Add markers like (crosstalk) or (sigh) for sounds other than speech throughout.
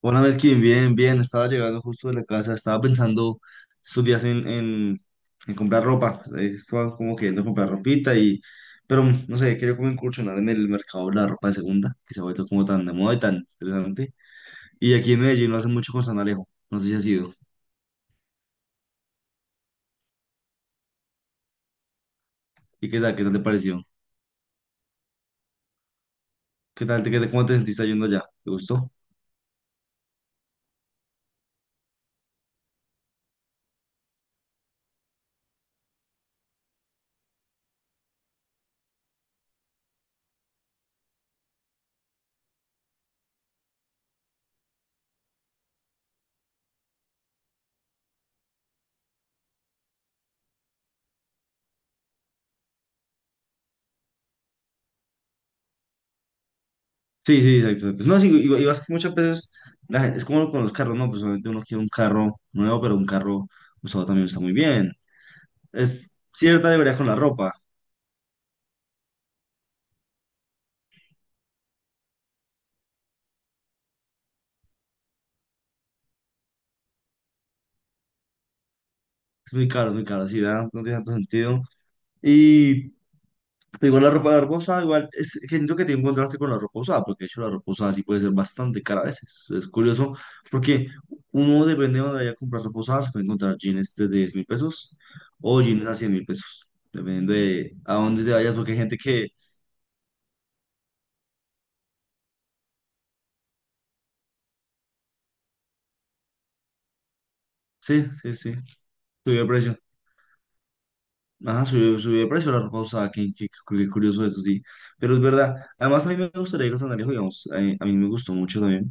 Hola Melkin, bien, bien, estaba llegando justo de la casa, estaba pensando estos días en comprar ropa, estaba como queriendo comprar ropita y, pero no sé, quería como incursionar en el mercado de la ropa de segunda, que se ha vuelto como tan de moda y tan interesante, y aquí en Medellín lo hacen mucho con San Alejo, no sé si ha sido. Y qué tal te pareció, qué tal, te, qué, cómo te sentiste yendo allá, ¿te gustó? Sí, sí, exacto, exacto. No, sí, y, vas muchas veces, es como con los carros, no, pues obviamente uno quiere un carro nuevo, pero un carro usado también está muy bien. Es cierta debería con la ropa. Es muy caro, sí, no tiene tanto sentido. Y pero igual la ropa usada, igual, es que siento que tiene un contraste con la ropa usada, porque de hecho la ropa usada sí puede ser bastante cara a veces. Es curioso, porque uno, depende de donde vaya a comprar ropa usada, se puede encontrar jeans desde 10.000 pesos o jeans a 100.000 pesos, dependiendo de a dónde te vayas, porque hay gente que, sí, sí, sí, sube el precio. Ajá, subió de precio la ropa usada, qué curioso eso, sí. Pero es verdad, además a mí me gustaría ir a San Alejo, digamos, a mí me gustó mucho también,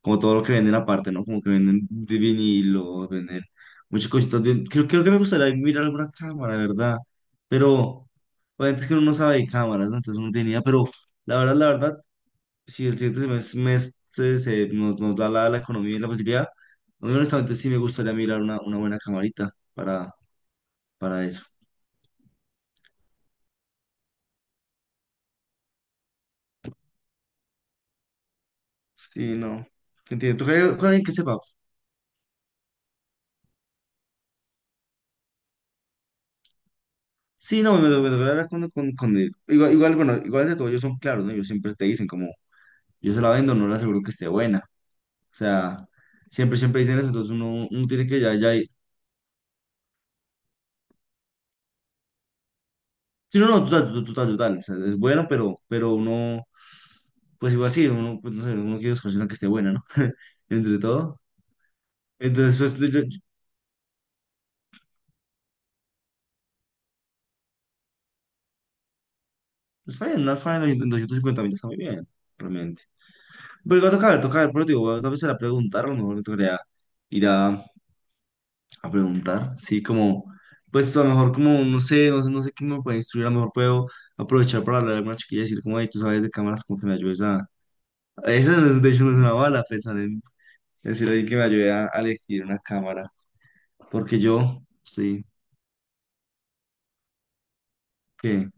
como todo lo que venden aparte, ¿no? Como que venden de vinilo, venden muchas cositas. Creo que me gustaría mirar alguna cámara, ¿verdad? Pero obviamente es que uno no sabe de cámaras, ¿no? Entonces uno tenía, pero la verdad, si el siguiente mes, se, nos da la, la economía y la facilidad, a mí honestamente sí me gustaría mirar una buena camarita para eso. Sí, no. Entiendo. Tocaría con alguien que sepa. Sí, no, me tocará hablar con, con él. Igual, igual, bueno, igual de todo, ellos son claros, ¿no? Ellos siempre te dicen como, yo se la vendo, no le aseguro que esté buena. O sea, siempre dicen eso, entonces uno, tiene que ya, ya. Sí, no, no, total, total, total, total. O sea, es bueno, pero uno, pues igual sí, uno, pues no sé, uno quiere buscar una que esté buena, ¿no? (laughs) Entre todo. Entonces, pues, está bien, una fan de 250 mil está muy bien, realmente. Pero igual toca ver, pero digo, tal vez se la preguntaron, a lo mejor me tocaría ir a preguntar, sí, como, pues a lo mejor como, no sé, no sé, no sé quién me puede instruir, a lo mejor puedo aprovechar para hablar a alguna chiquilla y decir, como, hey, tú sabes de cámaras, como que me ayudes a... Esa no es, de hecho no es una bala, pensar en decirle a alguien que me ayude a elegir una cámara, porque yo, sí, que...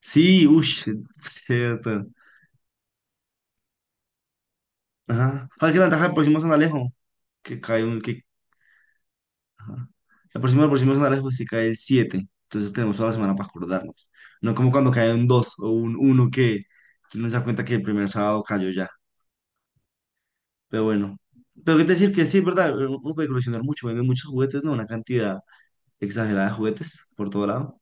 Sí, uff, (laughs) cierto. Ajá. ¿Sabes qué ventaja del próximo San Alejo? Que cae un, que... Ajá. La próxima semana la se cae el siete, entonces tenemos toda la semana para acordarnos. No como cuando cae un 2 o un uno, que uno se da cuenta que el primer sábado cayó ya. Pero bueno, pero qué te decir que sí, es verdad, uno puede coleccionar mucho, venden muchos juguetes, ¿no? Una cantidad exagerada de juguetes por todo lado.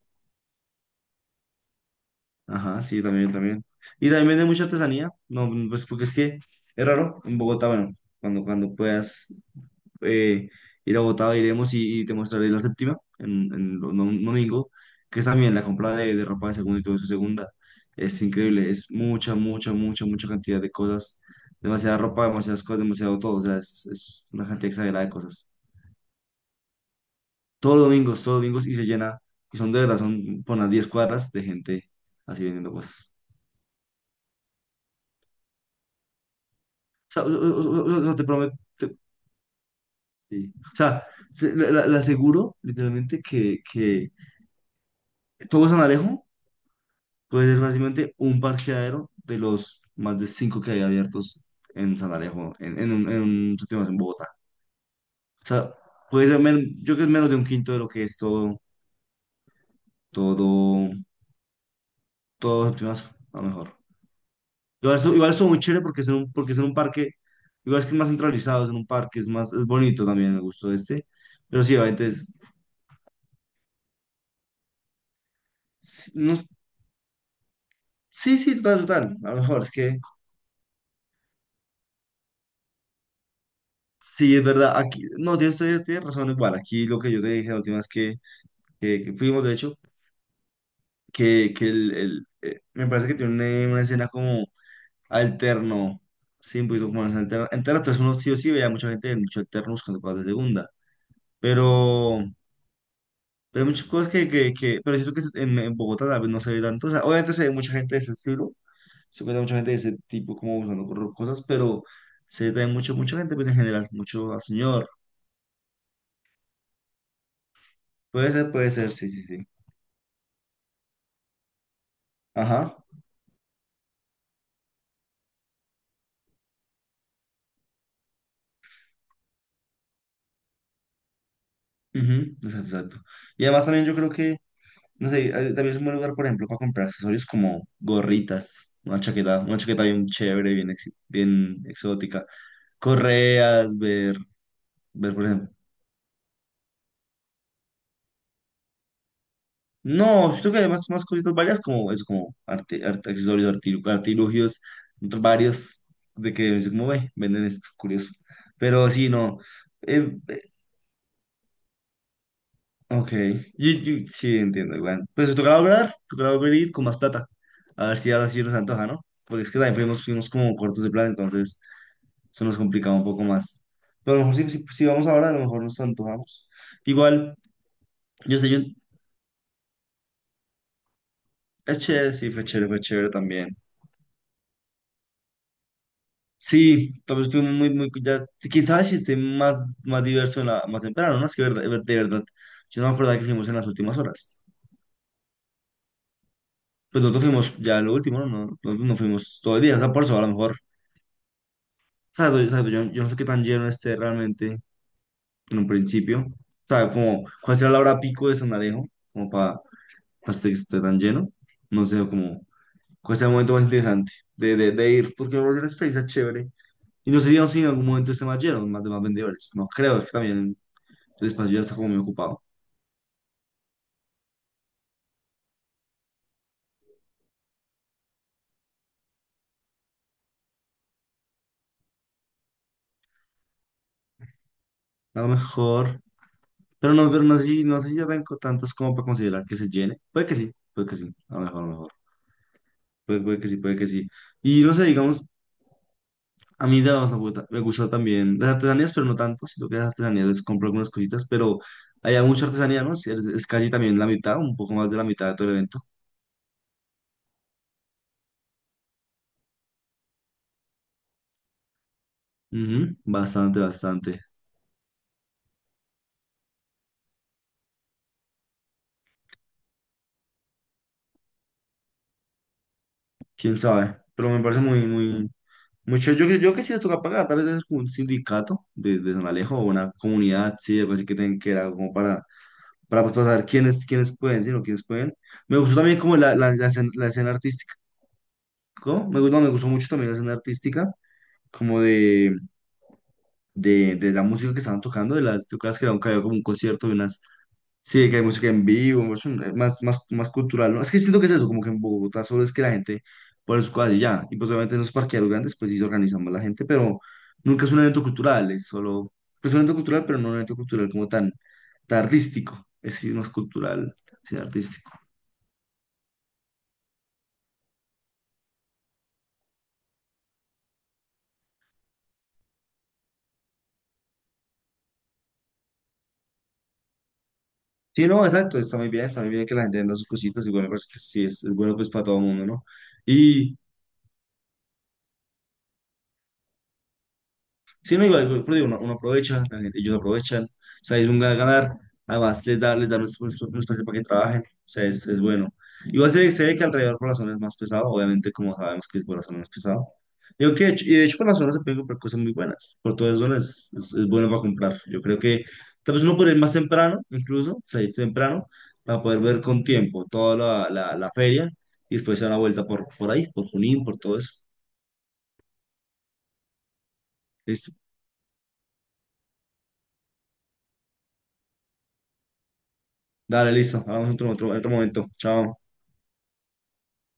Ajá, sí, también, también. Y también venden mucha artesanía, no, pues porque es que es raro en Bogotá, bueno, cuando, cuando puedas eh, ir a Bogotá, iremos y te mostraré la séptima en, un domingo, que es también la compra de ropa de segunda y todo eso de segunda. Es increíble, es mucha, mucha, mucha, mucha cantidad de cosas, demasiada ropa, demasiadas cosas, demasiado todo, o sea, es una cantidad exagerada de cosas. Todos los domingos, todos los domingos, y se llena, y son de verdad, son por unas 10 cuadras de gente así vendiendo cosas. O sea, o sea, te prometo, sí. O sea, la aseguro literalmente que todo San Alejo puede ser fácilmente un parqueadero de los más de cinco que hay abiertos en San Alejo, en un, sitio más en Bogotá. O sea, puede ser, yo creo que es menos de un quinto de lo que es todo, todo, todo séptimo Mazo, a lo mejor. Igual eso muy chévere porque es en un parque, igual es que es más centralizado, es en un parque, es más, es bonito también, me gustó este. Pero sí, obviamente es, sí, no, sí, sí, total, total, a lo mejor, es que sí, es verdad, aquí, no, tienes, tienes razón, igual, aquí lo que yo te dije la última vez que que fuimos, de hecho, me parece que tiene una escena como alterno, sí, un poquito como más alterna. Entera, entonces uno sí o sí veía mucha gente en dicho alterno buscando cosas de segunda, pero, pero hay muchas cosas que, pero siento que en Bogotá tal vez no se ve tanto, o sea, obviamente se ve mucha gente de ese estilo, se encuentra mucha gente de ese tipo como buscando cosas, pero se ve también mucho, mucha gente pues en general, mucho al señor, puede ser, sí, sí, sí, ajá, ujú, exacto, exacto. Y además también yo creo que... No sé, también es un buen lugar, por ejemplo, para comprar accesorios como gorritas, una chaqueta bien chévere, bien, bien exótica, correas, ver, por ejemplo. No, siento que hay más, cositas varias como eso, como accesorios, artilugios varios de que es como ve, venden esto, curioso. Pero sí, no. eh, eh, ok, yo sí entiendo, igual. Pues tocará hablar, tocará volver a ir con más plata. A ver si ahora sí nos antoja, ¿no? Porque es que también fuimos, fuimos como cortos de plata, entonces. Eso nos complicaba un poco más. Pero a lo mejor si vamos ahora, a lo mejor nos antojamos. Igual, yo sé, yo, es chévere, sí, fue chévere también. Sí, tal vez estuvimos muy, muy, ya, quién sabe si esté más, más diverso en la, más temprano, ¿no? Es que verdad, de verdad, yo no me acordaba que fuimos en las últimas horas. Pues nosotros fuimos ya lo último, ¿no? No, no, no fuimos todo el día, o sea, por eso a lo mejor, ¿sabes? Yo, ¿sabes? Yo no sé qué tan lleno esté realmente en un principio, ¿sabes? Como, ¿cuál será la hora pico de San Alejo? Como para que esté tan lleno, no sé, como... ¿Cuál es el momento más interesante de ir? Porque va a volver una experiencia chévere. Y no sé digamos, si en algún momento se más lleno, más, de más vendedores. No creo, es que también el espacio ya está como muy ocupado. A lo mejor, pero no sé, no sé si ya tengo tantos como para considerar que se llene. Puede que sí, a lo mejor, a lo mejor. Puede que sí, puede que sí. Y no sé, digamos, a mí digamos, me gusta también las artesanías, pero no tanto, sino que las artesanías les compro algunas cositas, pero hay mucha artesanía, ¿no? Es casi también la mitad, un poco más de la mitad de todo el evento. Ujú, bastante, bastante. Quién sabe, pero me parece muy, muy mucho. Yo creo que sí les toca pagar, tal vez es como un sindicato de San Alejo o una comunidad, sí, algo así que tengan que era como para pues, pasar quiénes, quiénes pueden, sino quiénes pueden. Me gustó también como la, la escena artística, ¿no? Me gustó mucho también la escena artística, como de, de la música que estaban tocando, de las, ¿tú crees que era un, que había como un concierto de unas... Sí, que hay música en vivo, es un, más, más cultural, ¿no? Es que siento que es eso, como que en Bogotá solo es que la gente pone sus cosas y ya. Y pues obviamente en los parqueaderos grandes, pues sí se organiza más la gente, pero nunca es un evento cultural, es solo, pues un evento cultural, pero no un evento cultural como tan, tan artístico. Es decir, no es cultural, sino artístico. Sí, no, exacto, está muy bien que la gente venda sus cositas, igual me parece que sí, es bueno pues para todo el mundo, ¿no? Y, sí, no, igual, igual, pero digo, uno, uno aprovecha, la gente, ellos aprovechan, o sea, es un ganar, ganar, además les da un, es un espacio para que trabajen, o sea, es bueno. Igual se, se ve que alrededor por la zona es más pesado, obviamente, como sabemos que es por la zona es pesado. Digo que, de hecho, y de hecho por la zona se pueden comprar cosas muy buenas, por todas zonas es bueno para comprar. Yo creo que tal vez uno puede ir más temprano, incluso, salir temprano, para poder ver con tiempo toda la, la, la feria y después se da una vuelta por ahí, por Junín, por todo eso. Listo. Dale, listo, hablamos en otro momento. Chao.